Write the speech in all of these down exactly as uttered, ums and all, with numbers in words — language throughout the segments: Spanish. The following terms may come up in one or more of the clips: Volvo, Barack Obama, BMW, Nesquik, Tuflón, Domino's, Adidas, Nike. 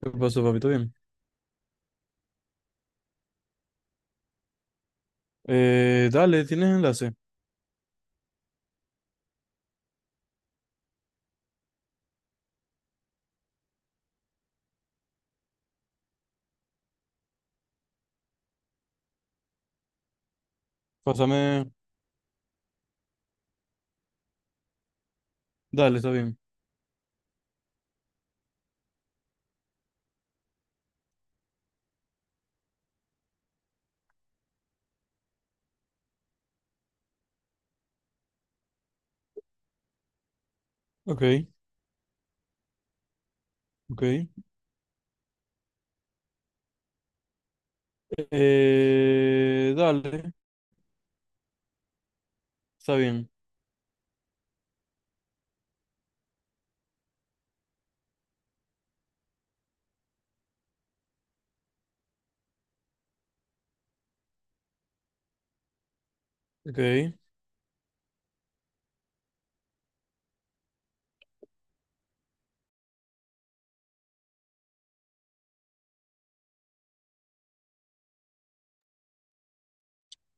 ¿Qué pasó, papito? Bien. Eh, dale, ¿tienes enlace? Pásame. Dale, está bien. Ok, ok. Eh, dale, está bien. Ok.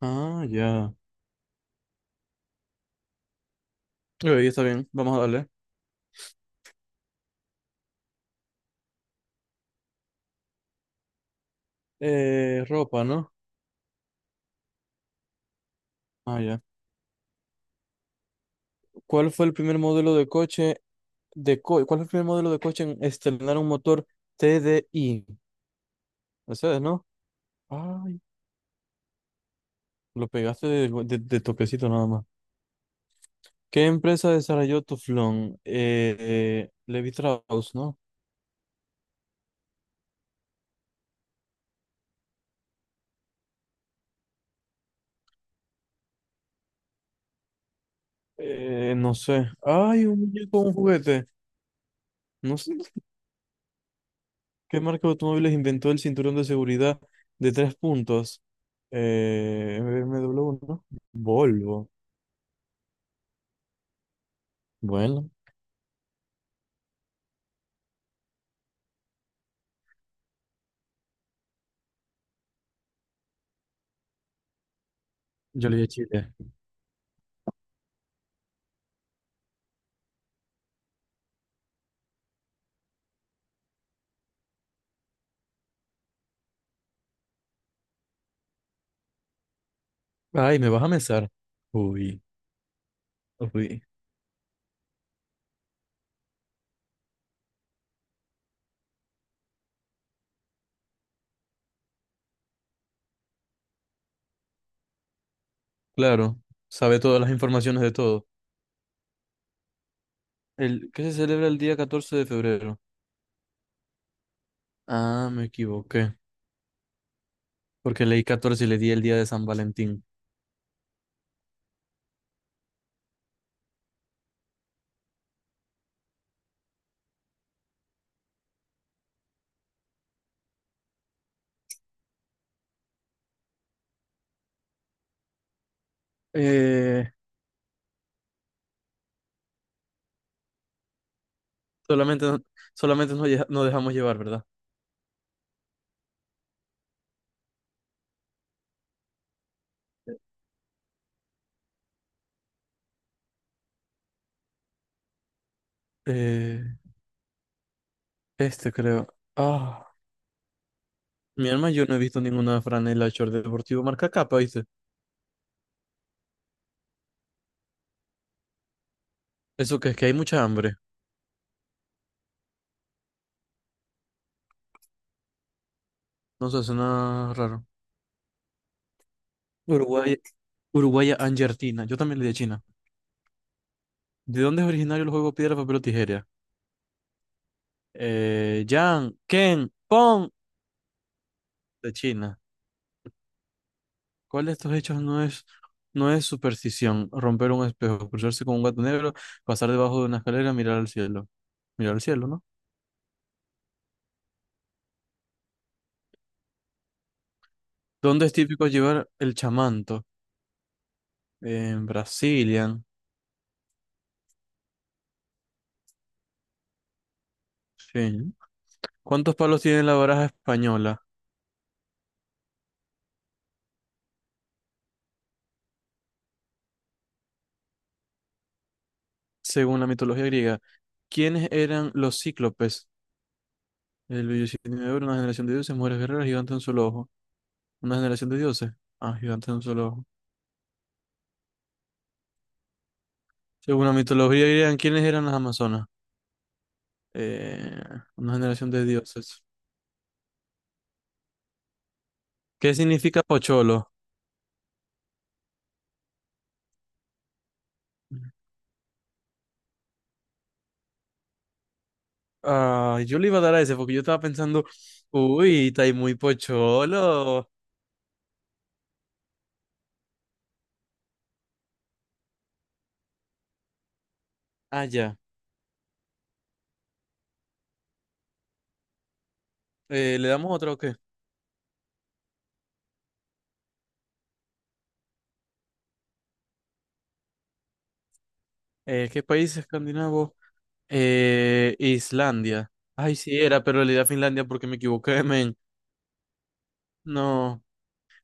Ah, ya. Ok, está bien. Vamos a darle. Eh, ropa, ¿no? Ah, ya. ¿Cuál fue el primer modelo de coche de co- ¿Cuál fue el primer modelo de coche en estrenar un motor T TDI? Mercedes, ¿no? Ay, lo pegaste de, go- de- de toquecito nada más. ¿Qué empresa desarrolló Tuflón? Eh, eh, Levi Strauss, ¿no? Eh, no sé. Ay, un muñeco, un juguete. No sé qué marca de automóviles inventó el cinturón de seguridad de tres puntos. Eh, B M B M W, ¿no? Volvo. Bueno, yo le dije Chile. Ay, ¿me vas a mesar? Uy, uy. Claro, sabe todas las informaciones de todo. El, ¿qué se celebra el día catorce de febrero? Ah, me equivoqué, porque leí catorce y le di el día de San Valentín. Eh, Solamente, no, solamente nos, lle- nos dejamos llevar, ¿verdad? Eh, Este creo. Ah, mi alma, yo no he visto ninguna franela short deportivo marca capa, ¿viste? Eso que es que hay mucha hambre. No sé, suena raro. Uruguaya, Uruguaya Angertina. Yo también le di a China. ¿De dónde es originario el juego piedra, papel o tijera? Eh, Yang, Ken, Pong. De China. ¿Cuál de estos hechos no es, ¿No es superstición? Romper un espejo, cruzarse con un gato negro, pasar debajo de una escalera, mirar al cielo. Mirar al cielo, ¿no? ¿Dónde es típico llevar el chamanto? En Brasilia. Sí. ¿Cuántos palos tiene la baraja española? Según la mitología griega, ¿quiénes eran los cíclopes? El de oro, una generación de dioses, mujeres guerreras, gigantes de un solo ojo. ¿Una generación de dioses? Ah, gigantes de un solo ojo. Según la mitología griega, ¿quiénes eran las amazonas? Eh, una generación de dioses. ¿Qué significa pocholo? Ah, yo le iba a dar a ese porque yo estaba pensando, uy, está ahí muy pocholo. Ah, ya. Eh, ¿le damos otro o qué? Eh, ¿qué país escandinavo? Eh, Islandia. Ay, sí, era, pero le di a Finlandia porque me equivoqué, men. No.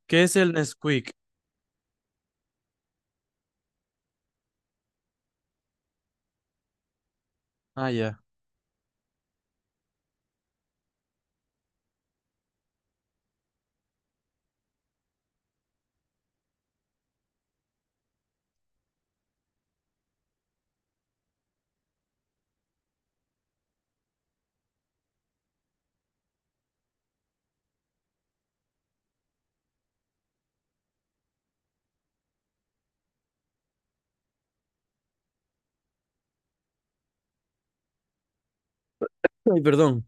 ¿Qué es el Nesquik? Ah, ya. Ay, perdón.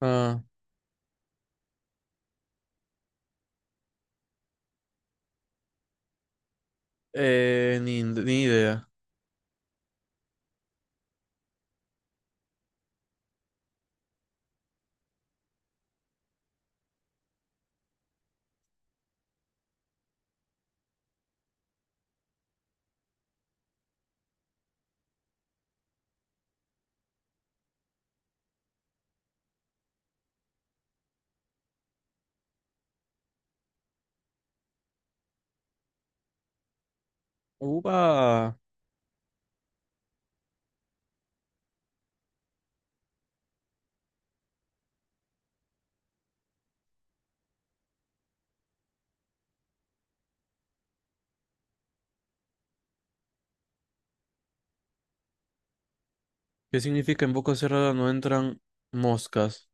Ah, eh, ni, ni idea. Uva. ¿Qué significa en boca cerrada no entran moscas?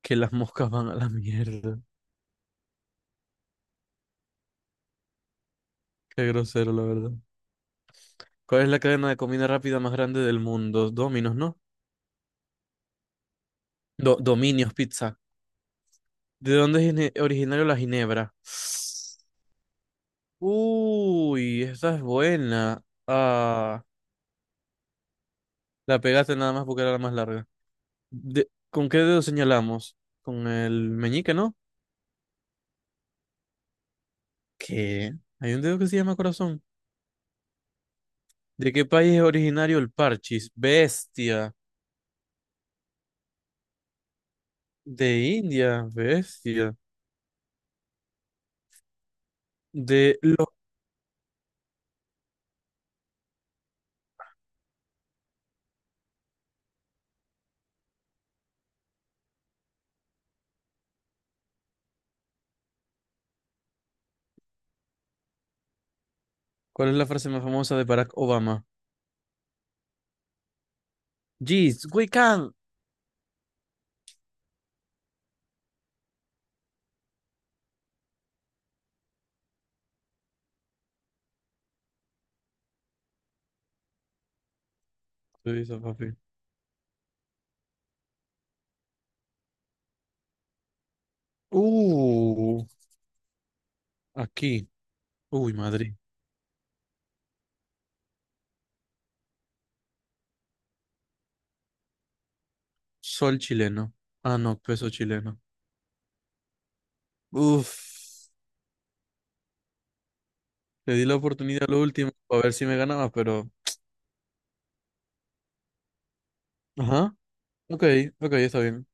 Que las moscas van a la mierda. Qué grosero, la verdad. ¿Cuál es la cadena de comida rápida más grande del mundo? Domino's, ¿no? Do- Dominios Pizza. ¿De dónde es gine- originario la ginebra? Uy, esa es buena. Ah, la pegaste nada más porque era la más larga. De- ¿con qué dedo señalamos? Con el meñique, ¿no? ¿Qué? Hay un dedo que se llama corazón. ¿De qué país es originario el parchis? Bestia. De India, bestia. De lo... ¿Cuál es la frase más famosa de Barack Obama? Jeez, we can. Tú dices, papi. Uh, aquí. Uy, Madrid. Sol chileno. Ah, no, peso chileno. Uf. Le di la oportunidad a lo último para ver si me ganaba, pero... Ajá. Ok, ok, está bien.